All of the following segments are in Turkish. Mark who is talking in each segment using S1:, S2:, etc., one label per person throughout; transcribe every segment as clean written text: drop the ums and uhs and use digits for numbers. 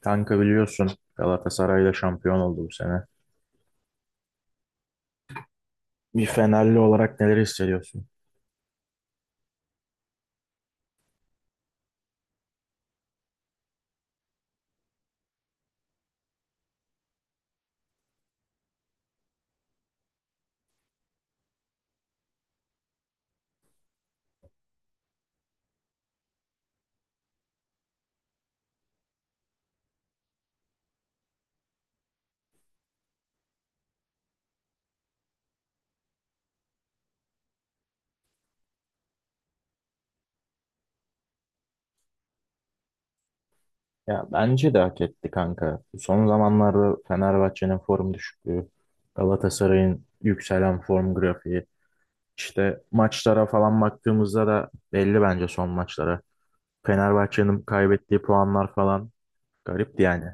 S1: Kanka biliyorsun Galatasaray'la şampiyon oldu bu sene. Bir Fenerli olarak neler hissediyorsun? Ya bence de hak etti kanka. Son zamanlarda Fenerbahçe'nin form düşüklüğü, Galatasaray'ın yükselen form grafiği. İşte maçlara falan baktığımızda da belli bence son maçlara. Fenerbahçe'nin kaybettiği puanlar falan garipti yani.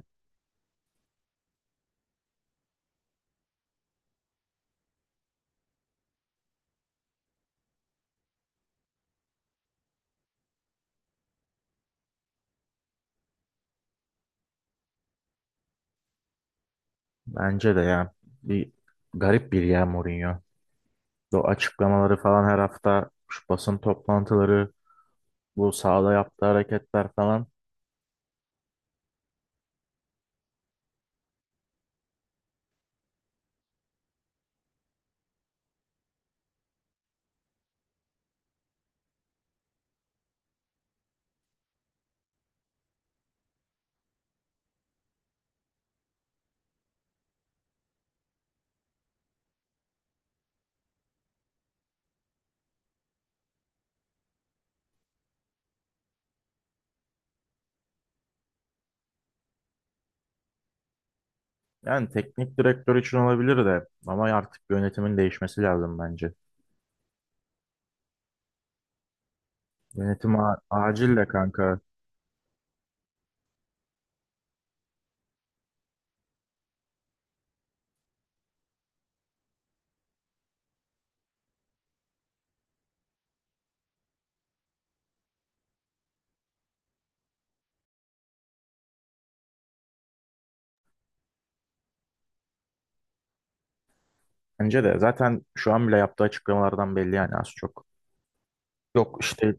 S1: Bence de ya bir garip bir ya Mourinho. O açıklamaları falan her hafta şu basın toplantıları, bu sahada yaptığı hareketler falan. Yani teknik direktör için olabilir de ama artık yönetimin değişmesi lazım bence. Yönetim acil de kanka. Bence de zaten şu an bile yaptığı açıklamalardan belli yani az çok. Yok işte,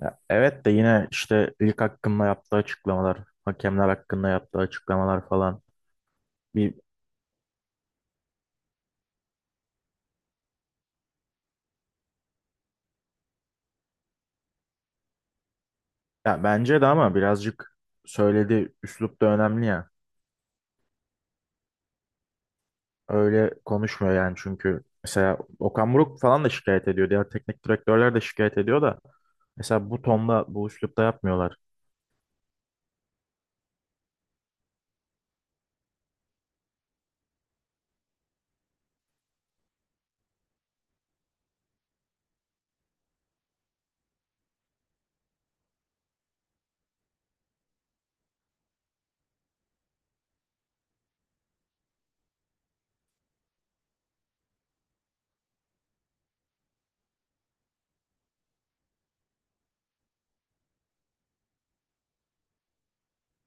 S1: ya evet de yine işte lig hakkında yaptığı açıklamalar, hakemler hakkında yaptığı açıklamalar falan. Bir ya bence de ama birazcık söylediği üslup da önemli ya. Öyle konuşmuyor yani çünkü mesela Okan Buruk falan da şikayet ediyor. Diğer teknik direktörler de şikayet ediyor da mesela bu tonda, bu üslupta yapmıyorlar.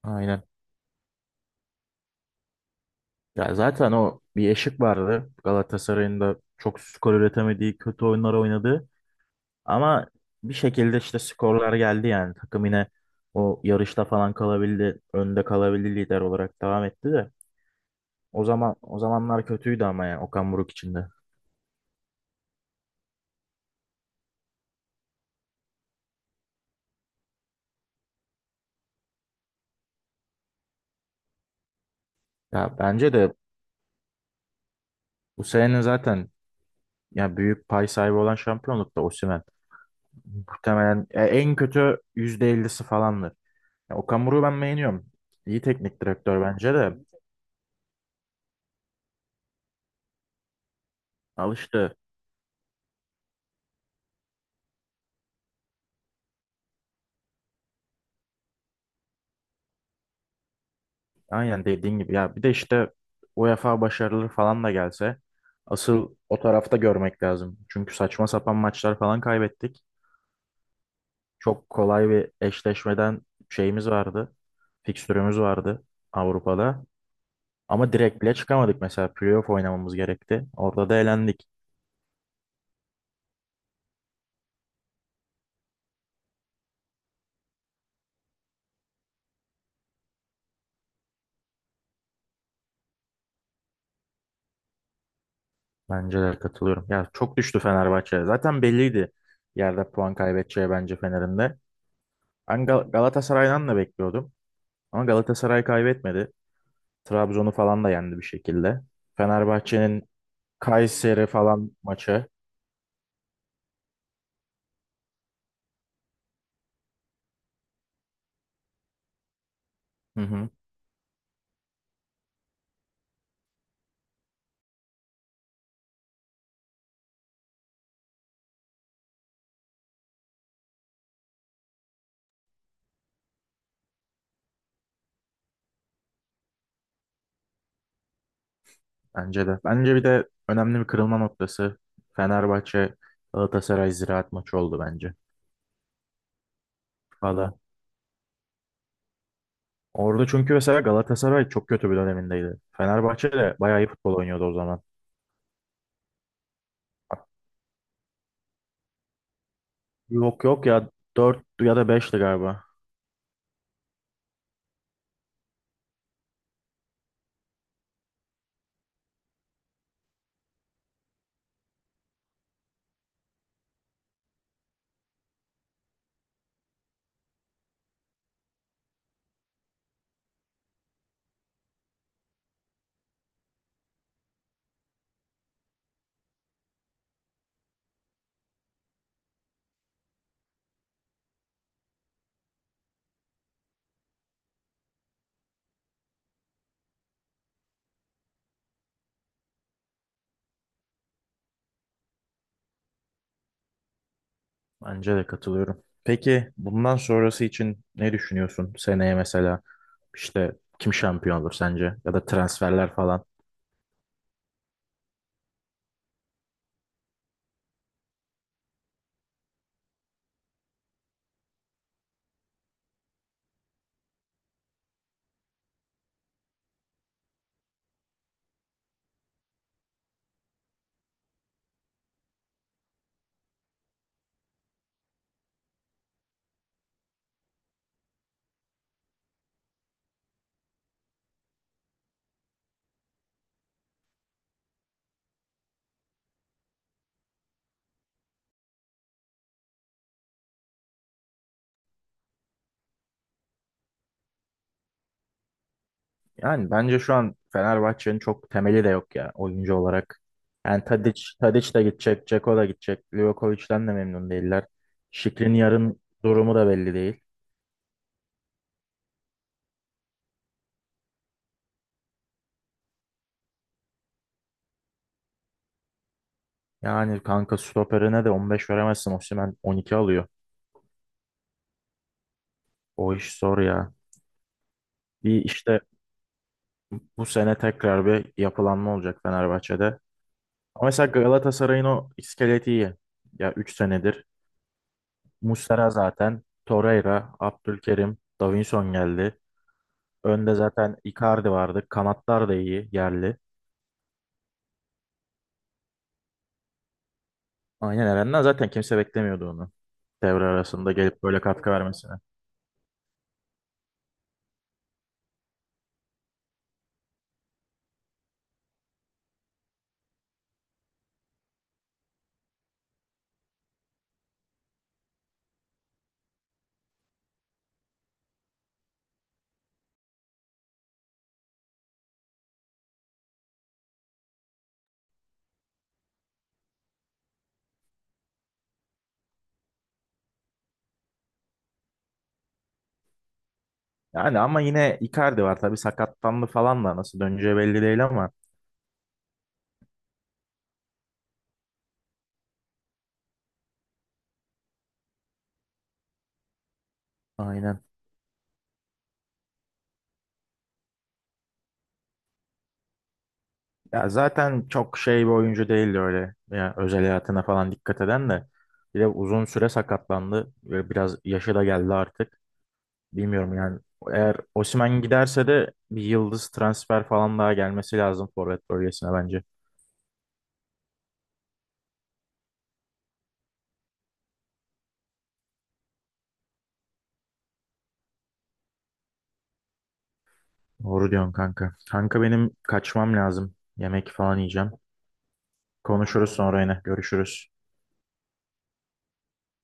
S1: Aynen. Ya zaten o bir eşik vardı. Galatasaray'ın da çok skor üretemediği, kötü oyunlar oynadı. Ama bir şekilde işte skorlar geldi yani. Takım yine o yarışta falan kalabildi. Önde kalabildi lider olarak devam etti de. O zaman o zamanlar kötüydü ama yani Okan Buruk için de. Ya bence de bu sene zaten ya büyük pay sahibi olan şampiyonlukta Osimhen. Muhtemelen ya en kötü %50'si falandır. Ya Okan Buruk'u ben beğeniyorum. İyi teknik direktör bence de. Alıştı. Aynen dediğin gibi ya bir de işte UEFA başarıları falan da gelse asıl o tarafta görmek lazım. Çünkü saçma sapan maçlar falan kaybettik. Çok kolay bir eşleşmeden şeyimiz vardı. Fikstürümüz vardı Avrupa'da. Ama direkt bile çıkamadık mesela, playoff oynamamız gerekti. Orada da elendik. Bence de katılıyorum. Ya çok düştü Fenerbahçe. Zaten belliydi yerde puan kaybedeceği bence Fener'in de. Ben Galatasaray'dan da bekliyordum. Ama Galatasaray kaybetmedi. Trabzon'u falan da yendi bir şekilde. Fenerbahçe'nin Kayseri falan maçı. Hı hı, bence de. Bence bir de önemli bir kırılma noktası Fenerbahçe Galatasaray Ziraat maçı oldu bence. Valla. Orada çünkü mesela Galatasaray çok kötü bir dönemindeydi. Fenerbahçe de bayağı iyi futbol oynuyordu o zaman. Yok yok ya, 4 ya da 5'ti galiba. Bence de katılıyorum. Peki bundan sonrası için ne düşünüyorsun? Seneye mesela işte kim şampiyon olur sence? Ya da transferler falan. Yani bence şu an Fenerbahçe'nin çok temeli de yok ya oyuncu olarak. Yani Tadic de gidecek, Dzeko da gidecek. Livakovic'den de memnun değiller. Şikrin yarın durumu da belli değil. Yani kanka stoperine de 15 veremezsin. Osimhen 12 alıyor. O iş zor ya. Bir işte bu sene tekrar bir yapılanma olacak Fenerbahçe'de. Ama mesela Galatasaray'ın o iskeleti iyi. Ya 3 senedir. Muslera zaten. Torreira, Abdülkerim, Davinson geldi. Önde zaten Icardi vardı. Kanatlar da iyi, yerli. Aynen, Eren'den zaten kimse beklemiyordu onu. Devre arasında gelip böyle katkı vermesini. Yani ama yine Icardi var tabii, sakatlandı falan da nasıl döneceği belli değil ama. Aynen. Ya zaten çok şey bir oyuncu değildi öyle. Ya özel hayatına falan dikkat eden de. Bir de uzun süre sakatlandı. Böyle biraz yaşı da geldi artık. Bilmiyorum yani. Eğer Osimhen giderse de bir yıldız transfer falan daha gelmesi lazım forvet bölgesine bence. Doğru diyorsun kanka. Kanka benim kaçmam lazım. Yemek falan yiyeceğim. Konuşuruz sonra yine. Görüşürüz.